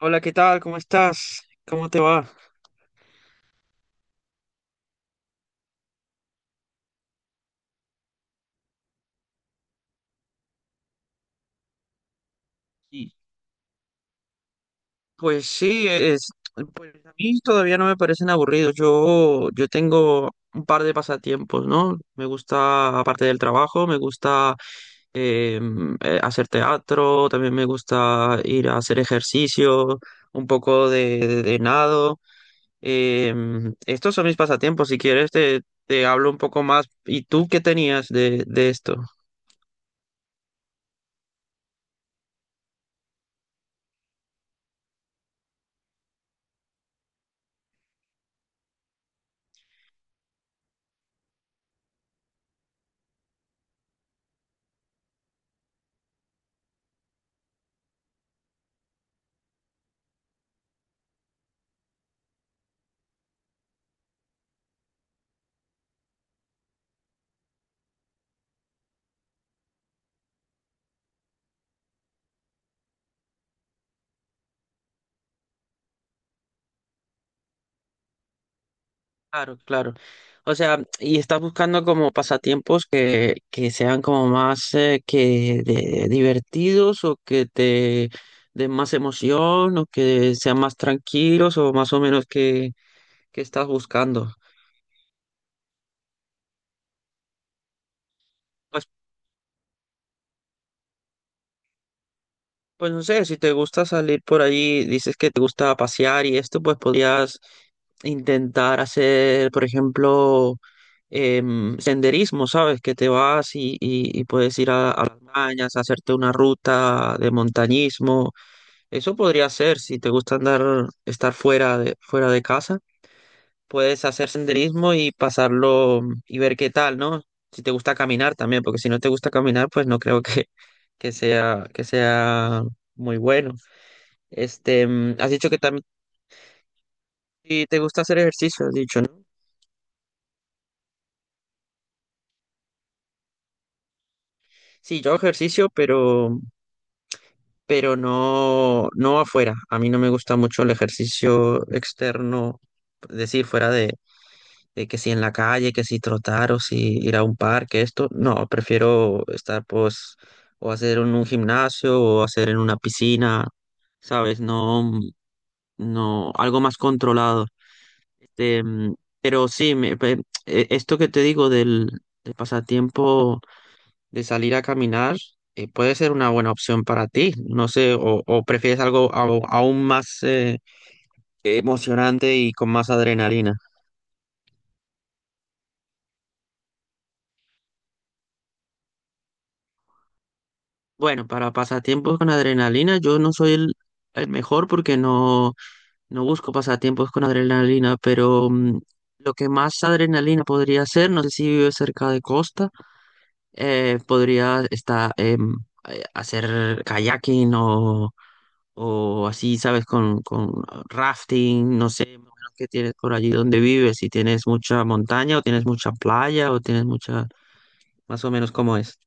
Hola, ¿qué tal? ¿Cómo estás? ¿Cómo te va? Sí. Pues sí, es, pues a mí todavía no me parecen aburridos. Yo tengo un par de pasatiempos, ¿no? Me gusta, aparte del trabajo, me gusta eh, hacer teatro, también me gusta ir a hacer ejercicio, un poco de, de nado. Estos son mis pasatiempos. Si quieres, te hablo un poco más. ¿Y tú qué tenías de esto? Claro, claro. O sea, y estás buscando como pasatiempos que sean como más que divertidos o que te den más emoción o que sean más tranquilos o más o menos que estás buscando. Pues no sé, si te gusta salir por allí, dices que te gusta pasear y esto, pues podrías intentar hacer, por ejemplo, senderismo, ¿sabes? Que te vas y, y puedes ir a las montañas, a hacerte una ruta de montañismo. Eso podría ser, si te gusta andar, estar fuera de casa, puedes hacer senderismo y pasarlo, y ver qué tal, ¿no? Si te gusta caminar también, porque si no te gusta caminar, pues no creo que sea muy bueno. Este, has dicho que también sí te gusta hacer ejercicio, has dicho, ¿no? Sí, yo hago ejercicio, pero no, no afuera. A mí no me gusta mucho el ejercicio externo, es decir, fuera de que si en la calle, que si trotar o si ir a un parque, esto. No, prefiero estar, pues, o hacer en un gimnasio o hacer en una piscina, ¿sabes? No, no, algo más controlado. Este, pero sí, esto que te digo del, del pasatiempo de salir a caminar puede ser una buena opción para ti. No sé, o prefieres algo aún más emocionante y con más adrenalina. Bueno, para pasatiempos con adrenalina, yo no soy el mejor porque no, no busco pasatiempos con adrenalina, pero, lo que más adrenalina podría ser, no sé si vives cerca de costa. Eh, podría estar, hacer kayaking o así, ¿sabes? Con rafting, no sé, más o menos qué tienes por allí donde vives, si tienes mucha montaña o tienes mucha playa o tienes mucha, más o menos cómo es.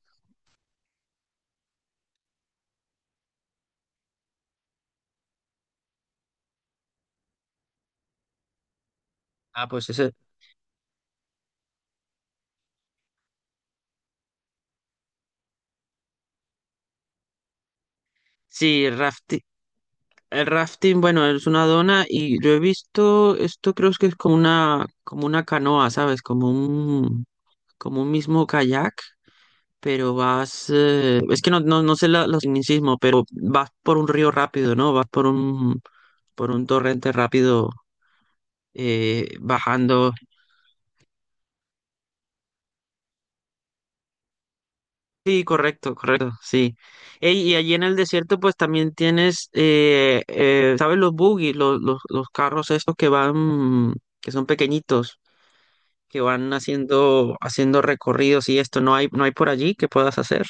Ah, pues ese, sí, el rafting. El rafting, bueno, es una dona y yo he visto, esto creo que es como una canoa, ¿sabes? Como un mismo kayak. Pero vas, es que no, no, no sé la, los tecnicismos, pero vas por un río rápido, ¿no? Vas por un torrente rápido bajando. Sí, correcto, correcto, sí. Ey, y allí en el desierto pues también tienes, ¿sabes? Los buggy, los carros estos que van, que son pequeñitos, que van haciendo, haciendo recorridos y esto, no hay, no hay por allí que puedas hacer.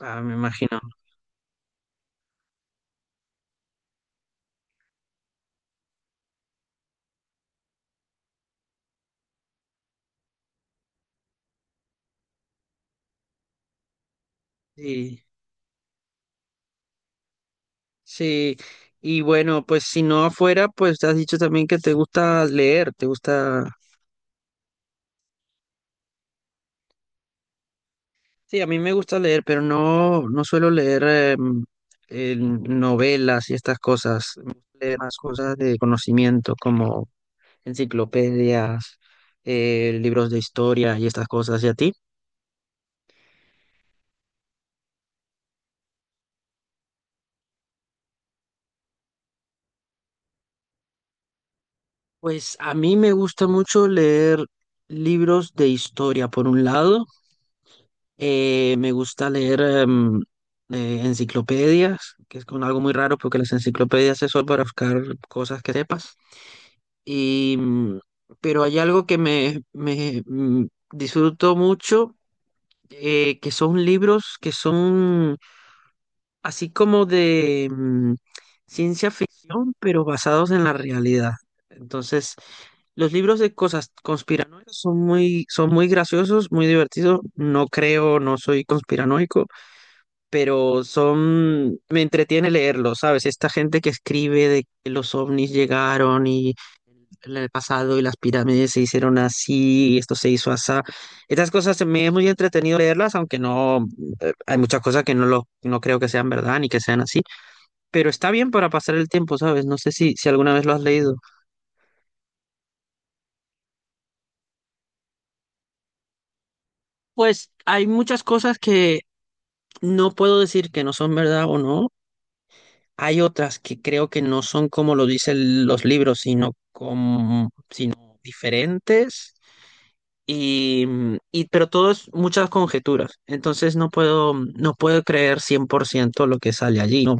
Ah, me imagino. Sí. Sí, y bueno, pues si no afuera, pues te has dicho también que te gusta leer, te gusta... Sí, a mí me gusta leer, pero no, no suelo leer novelas y estas cosas. Me gusta leer más cosas de conocimiento como enciclopedias, libros de historia y estas cosas. ¿Y a ti? Pues a mí me gusta mucho leer libros de historia, por un lado. Me gusta leer enciclopedias, que es con algo muy raro porque las enciclopedias es solo para buscar cosas que sepas. Y, mm, pero hay algo que disfruto mucho, que son libros que son así como de ciencia ficción, pero basados en la realidad. Entonces, los libros de cosas conspiranoicas son muy graciosos, muy divertidos. No creo, no soy conspiranoico, pero son, me entretiene leerlo, ¿sabes? Esta gente que escribe de que los ovnis llegaron y en el pasado y las pirámides se hicieron así y esto se hizo así. Estas cosas me es muy entretenido leerlas, aunque no, hay muchas cosas que no lo, no creo que sean verdad ni que sean así, pero está bien para pasar el tiempo, ¿sabes? No sé si, si alguna vez lo has leído. Pues hay muchas cosas que no puedo decir que no son verdad o no. Hay otras que creo que no son como lo dicen los libros, sino como diferentes y pero todo es muchas conjeturas, entonces no puedo creer 100% lo que sale allí. No,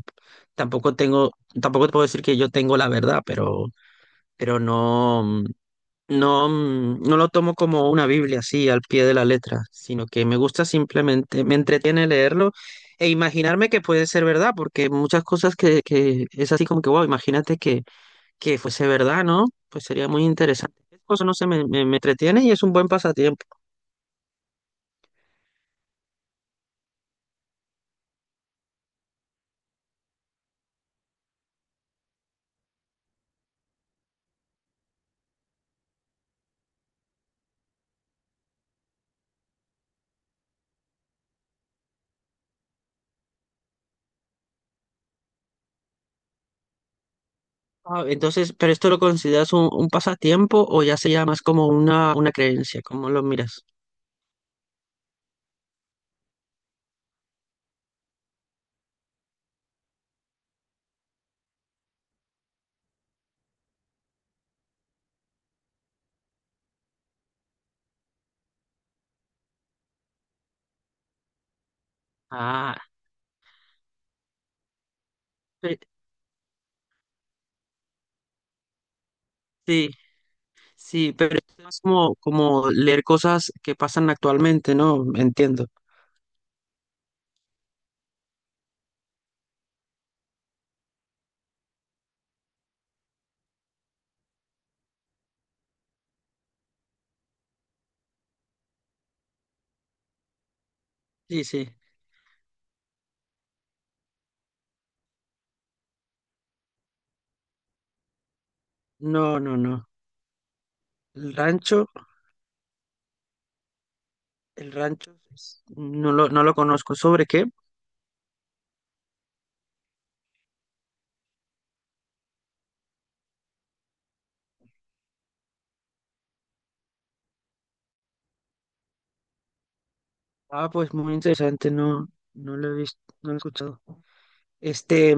tampoco tengo tampoco te puedo decir que yo tengo la verdad, pero no lo tomo como una Biblia así al pie de la letra, sino que me gusta, simplemente me entretiene leerlo e imaginarme que puede ser verdad, porque muchas cosas que es así como que, wow, imagínate que fuese verdad, ¿no? Pues sería muy interesante. Eso no sé, me entretiene y es un buen pasatiempo. Ah, entonces, ¿pero esto lo consideras un pasatiempo o ya sería más como una creencia? ¿Cómo lo miras? Ah, pe- sí, sí, pero es como, como leer cosas que pasan actualmente, ¿no? Entiendo. Sí, sí. No, no, no. El rancho, el rancho, es- no lo, no lo conozco. ¿Sobre qué? Ah, pues muy interesante, no, no lo he visto, no lo he escuchado. Este,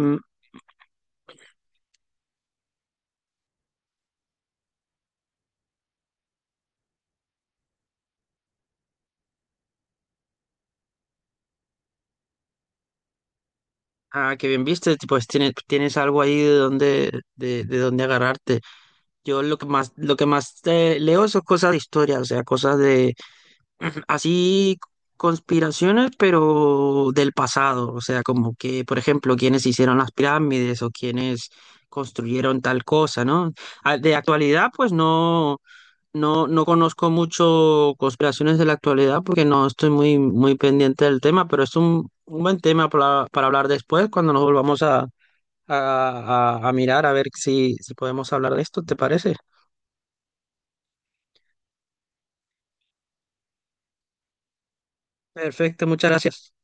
ah, qué bien viste, tipo, es- tienes, tienes algo ahí de donde agarrarte. Yo lo que más leo son cosas de historia, o sea, cosas de así conspiraciones, pero del pasado. O sea, como que, por ejemplo, quienes hicieron las pirámides o quienes construyeron tal cosa, ¿no? Ah, de actualidad, pues no, no, no conozco mucho conspiraciones de la actualidad porque no estoy muy, muy pendiente del tema, pero es un buen tema para hablar después cuando nos volvamos a mirar a ver si, si podemos hablar de esto, ¿te parece? Perfecto, muchas gracias.